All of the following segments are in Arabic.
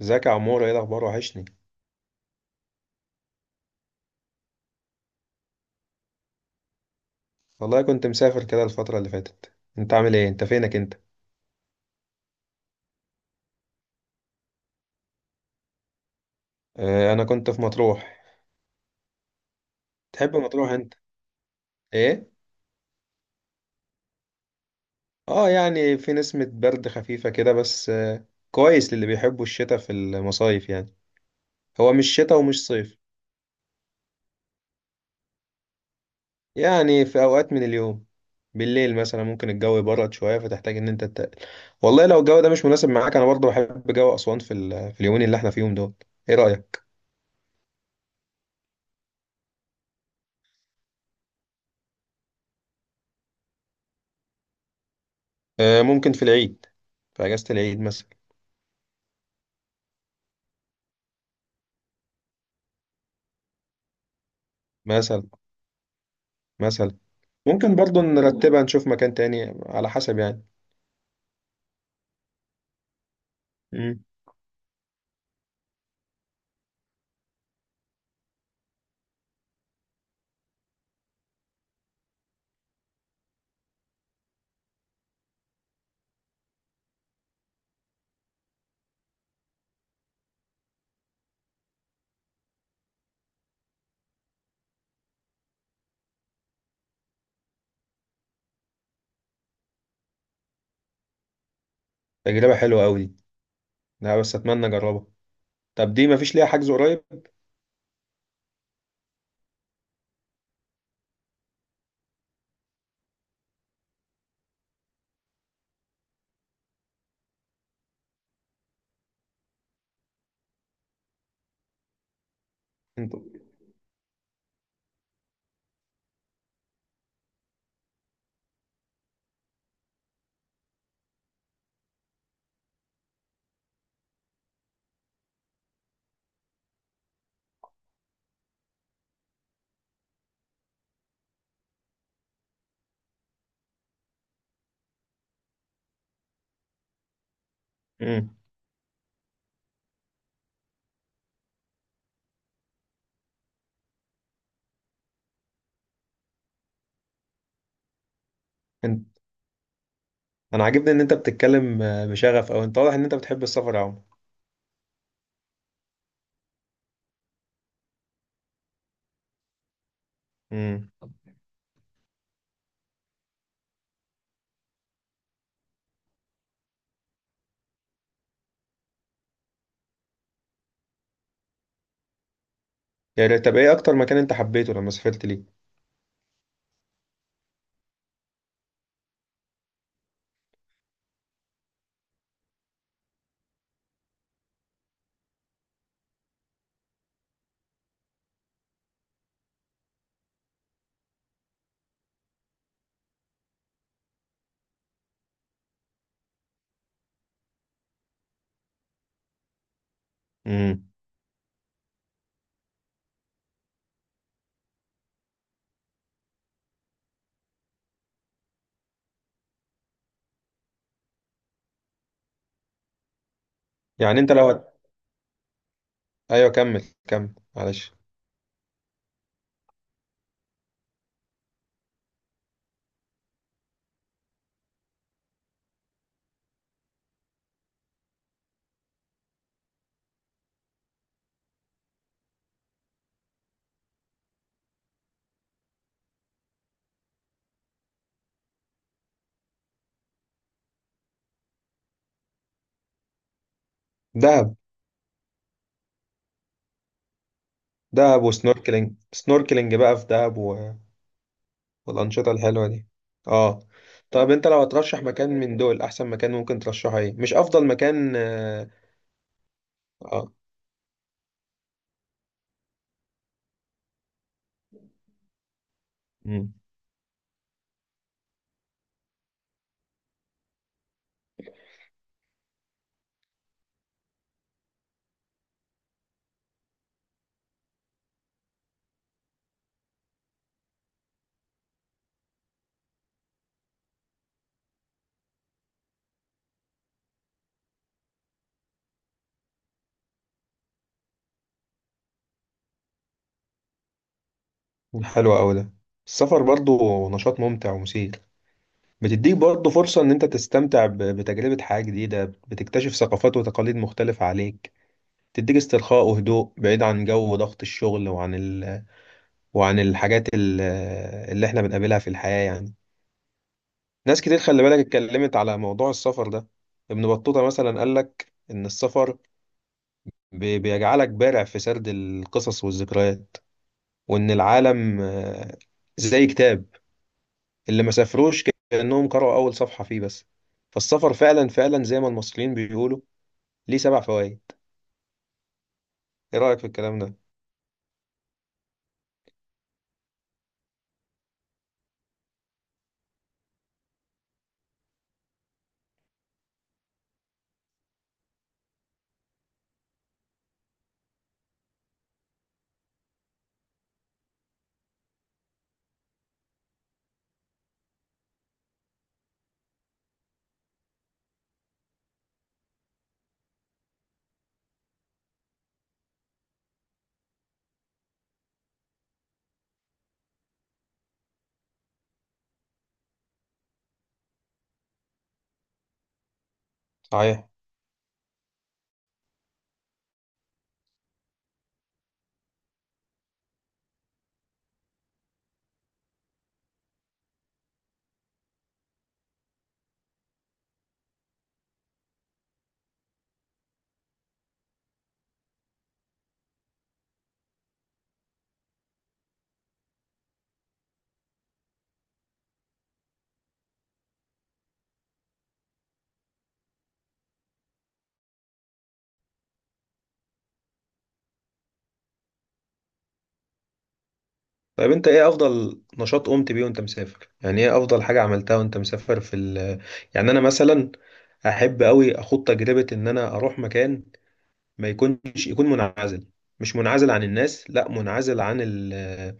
ازيك يا عمور؟ ايه الاخبار؟ وحشني. والله كنت مسافر كده الفتره اللي فاتت. انت عامل ايه؟ انت فينك انت؟ اه، انا كنت في مطروح. تحب مطروح انت؟ ايه؟ اه، يعني في نسمه برد خفيفه كده بس كويس للي بيحبوا الشتاء في المصايف يعني. هو مش شتاء ومش صيف. يعني في اوقات من اليوم، بالليل مثلا ممكن الجو يبرد شويه فتحتاج ان انت تتقل. والله لو الجو ده مش مناسب معاك، انا برضه بحب جو اسوان في اليومين اللي احنا فيهم دول. ايه رايك؟ اه، ممكن في العيد، في اجازه العيد مثلا. مثلا مثلا. ممكن برضو نرتبها، نشوف مكان تاني على حسب يعني. امم. تجربة حلوة أوي دي. لا، بس أتمنى أجربها. طب دي مفيش ليها حجز قريب؟ انت. امم. انت أنا عاجبني إن أنت بتتكلم بشغف، أو أنت واضح إن أنت بتحب السفر يا عمر. امم. يعني طب إيه أكتر مكان أنت حبيته لما سافرت ليه؟ امم. يعني أنت لو هت... أيوه، كمل كمل، معلش. دهب. دهب وسنوركلينج بقى في دهب. والأنشطة الحلوة دي. اه. طب انت لو هترشح مكان من دول، احسن مكان ممكن ترشحه ايه؟ مش افضل مكان، اه. آه. مم. حلو قوي ده. السفر برضو نشاط ممتع ومثير، بتديك برضو فرصة ان انت تستمتع بتجربة حياة جديدة، بتكتشف ثقافات وتقاليد مختلفة عليك. تديك استرخاء وهدوء بعيد عن جو ضغط الشغل، وعن وعن الحاجات اللي احنا بنقابلها في الحياة يعني. ناس كتير، خلي بالك، اتكلمت على موضوع السفر ده. ابن بطوطة مثلا قال لك ان السفر بيجعلك بارع في سرد القصص والذكريات. وإن العالم زي كتاب، اللي ما سافروش كأنهم قرأوا أول صفحة فيه بس. فالسفر فعلا فعلا زي ما المصريين بيقولوا، ليه سبع فوائد. إيه رأيك في الكلام ده؟ صحيح. طيب أنت إيه أفضل نشاط قمت بيه وأنت مسافر؟ يعني إيه أفضل حاجة عملتها وأنت مسافر في ال يعني أنا مثلا. أحب أوي أخوض تجربة إن أنا أروح مكان ما يكونش يكون منعزل. مش منعزل عن الناس، لا منعزل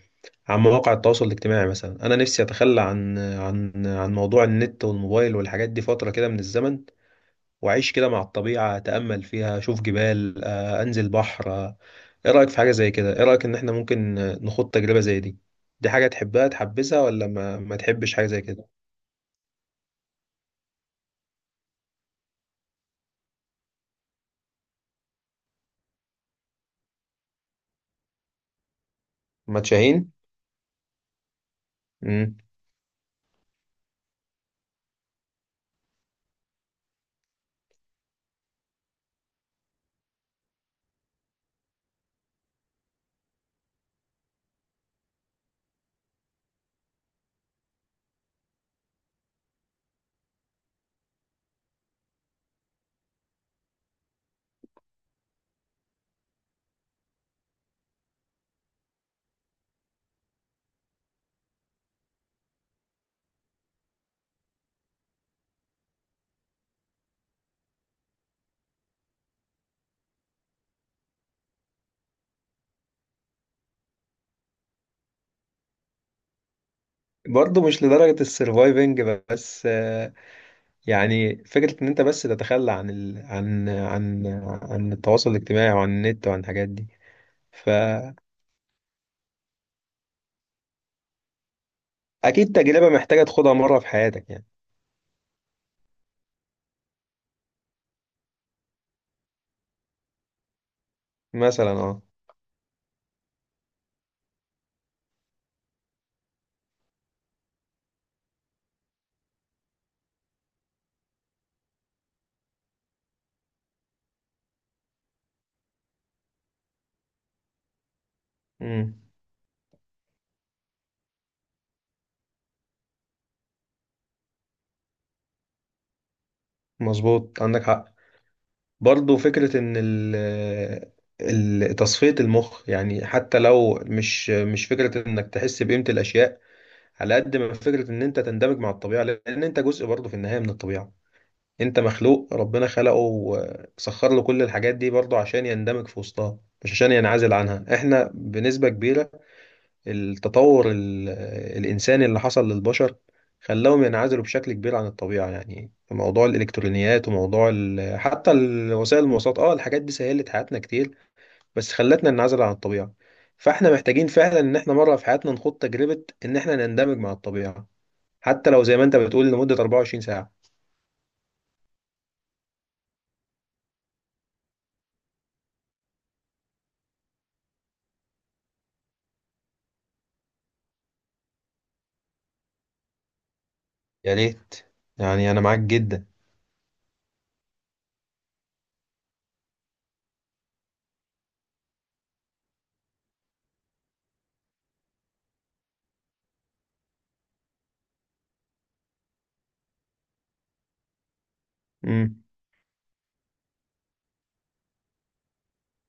عن مواقع التواصل الاجتماعي. مثلا انا نفسي اتخلى عن موضوع النت والموبايل والحاجات دي فتره كده من الزمن. واعيش كده مع الطبيعه، اتامل فيها، اشوف جبال، انزل بحر. ايه رايك في حاجه زي كده؟ ايه رايك ان احنا ممكن نخوض تجربه زي دي؟ دي حاجه تحبذها، ولا ما تحبش حاجه زي كده؟ ما تشاهين؟ امم. برضه مش لدرجه السرفايفنج، بس يعني فكره ان انت بس تتخلى عن ال... عن عن عن التواصل الاجتماعي وعن النت وعن الحاجات دي. ف اكيد تجربه محتاجه تاخدها مره في حياتك يعني. مثلا، اه. امم. مظبوط، عندك حق. برضو فكره ان تصفيه المخ، يعني حتى لو مش فكره انك تحس بقيمه الاشياء، على قد ما فكره ان انت تندمج مع الطبيعه، لان انت جزء برضو في النهايه من الطبيعه. انت مخلوق ربنا خلقه وسخر له كل الحاجات دي برضو عشان يندمج في وسطها، مش عشان ينعزل عنها. احنا بنسبه كبيره التطور الإنساني اللي حصل للبشر خلاهم ينعزلوا بشكل كبير عن الطبيعة. يعني في موضوع الإلكترونيات، وموضوع وسائل المواصلات، اه الحاجات دي سهلت حياتنا كتير، بس خلتنا ننعزل عن الطبيعة. فاحنا محتاجين فعلا ان احنا مرة في حياتنا نخوض تجربة ان احنا نندمج مع الطبيعة، حتى لو زي ما انت بتقول لمدة 24 ساعة. يا ريت، يعني انا معاك جدا. مم.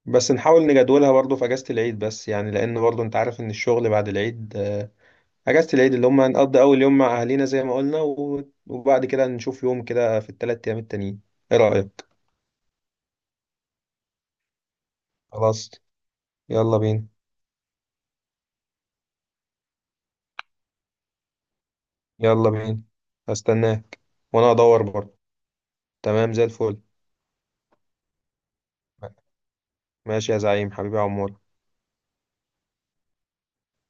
بس نحاول نجدولها برضه في اجازة العيد، بس يعني لان برضه انت عارف ان الشغل بعد العيد. اجازة العيد اللي هم هنقضي اول يوم مع اهالينا زي ما قلنا، وبعد كده نشوف يوم كده في الثلاث ايام التانيين. ايه رأيك؟ خلاص. يلا بينا. يلا بينا. هستناك، وانا ادور برضه. تمام زي الفل. ماشي يا زعيم، حبيبي يا عمور.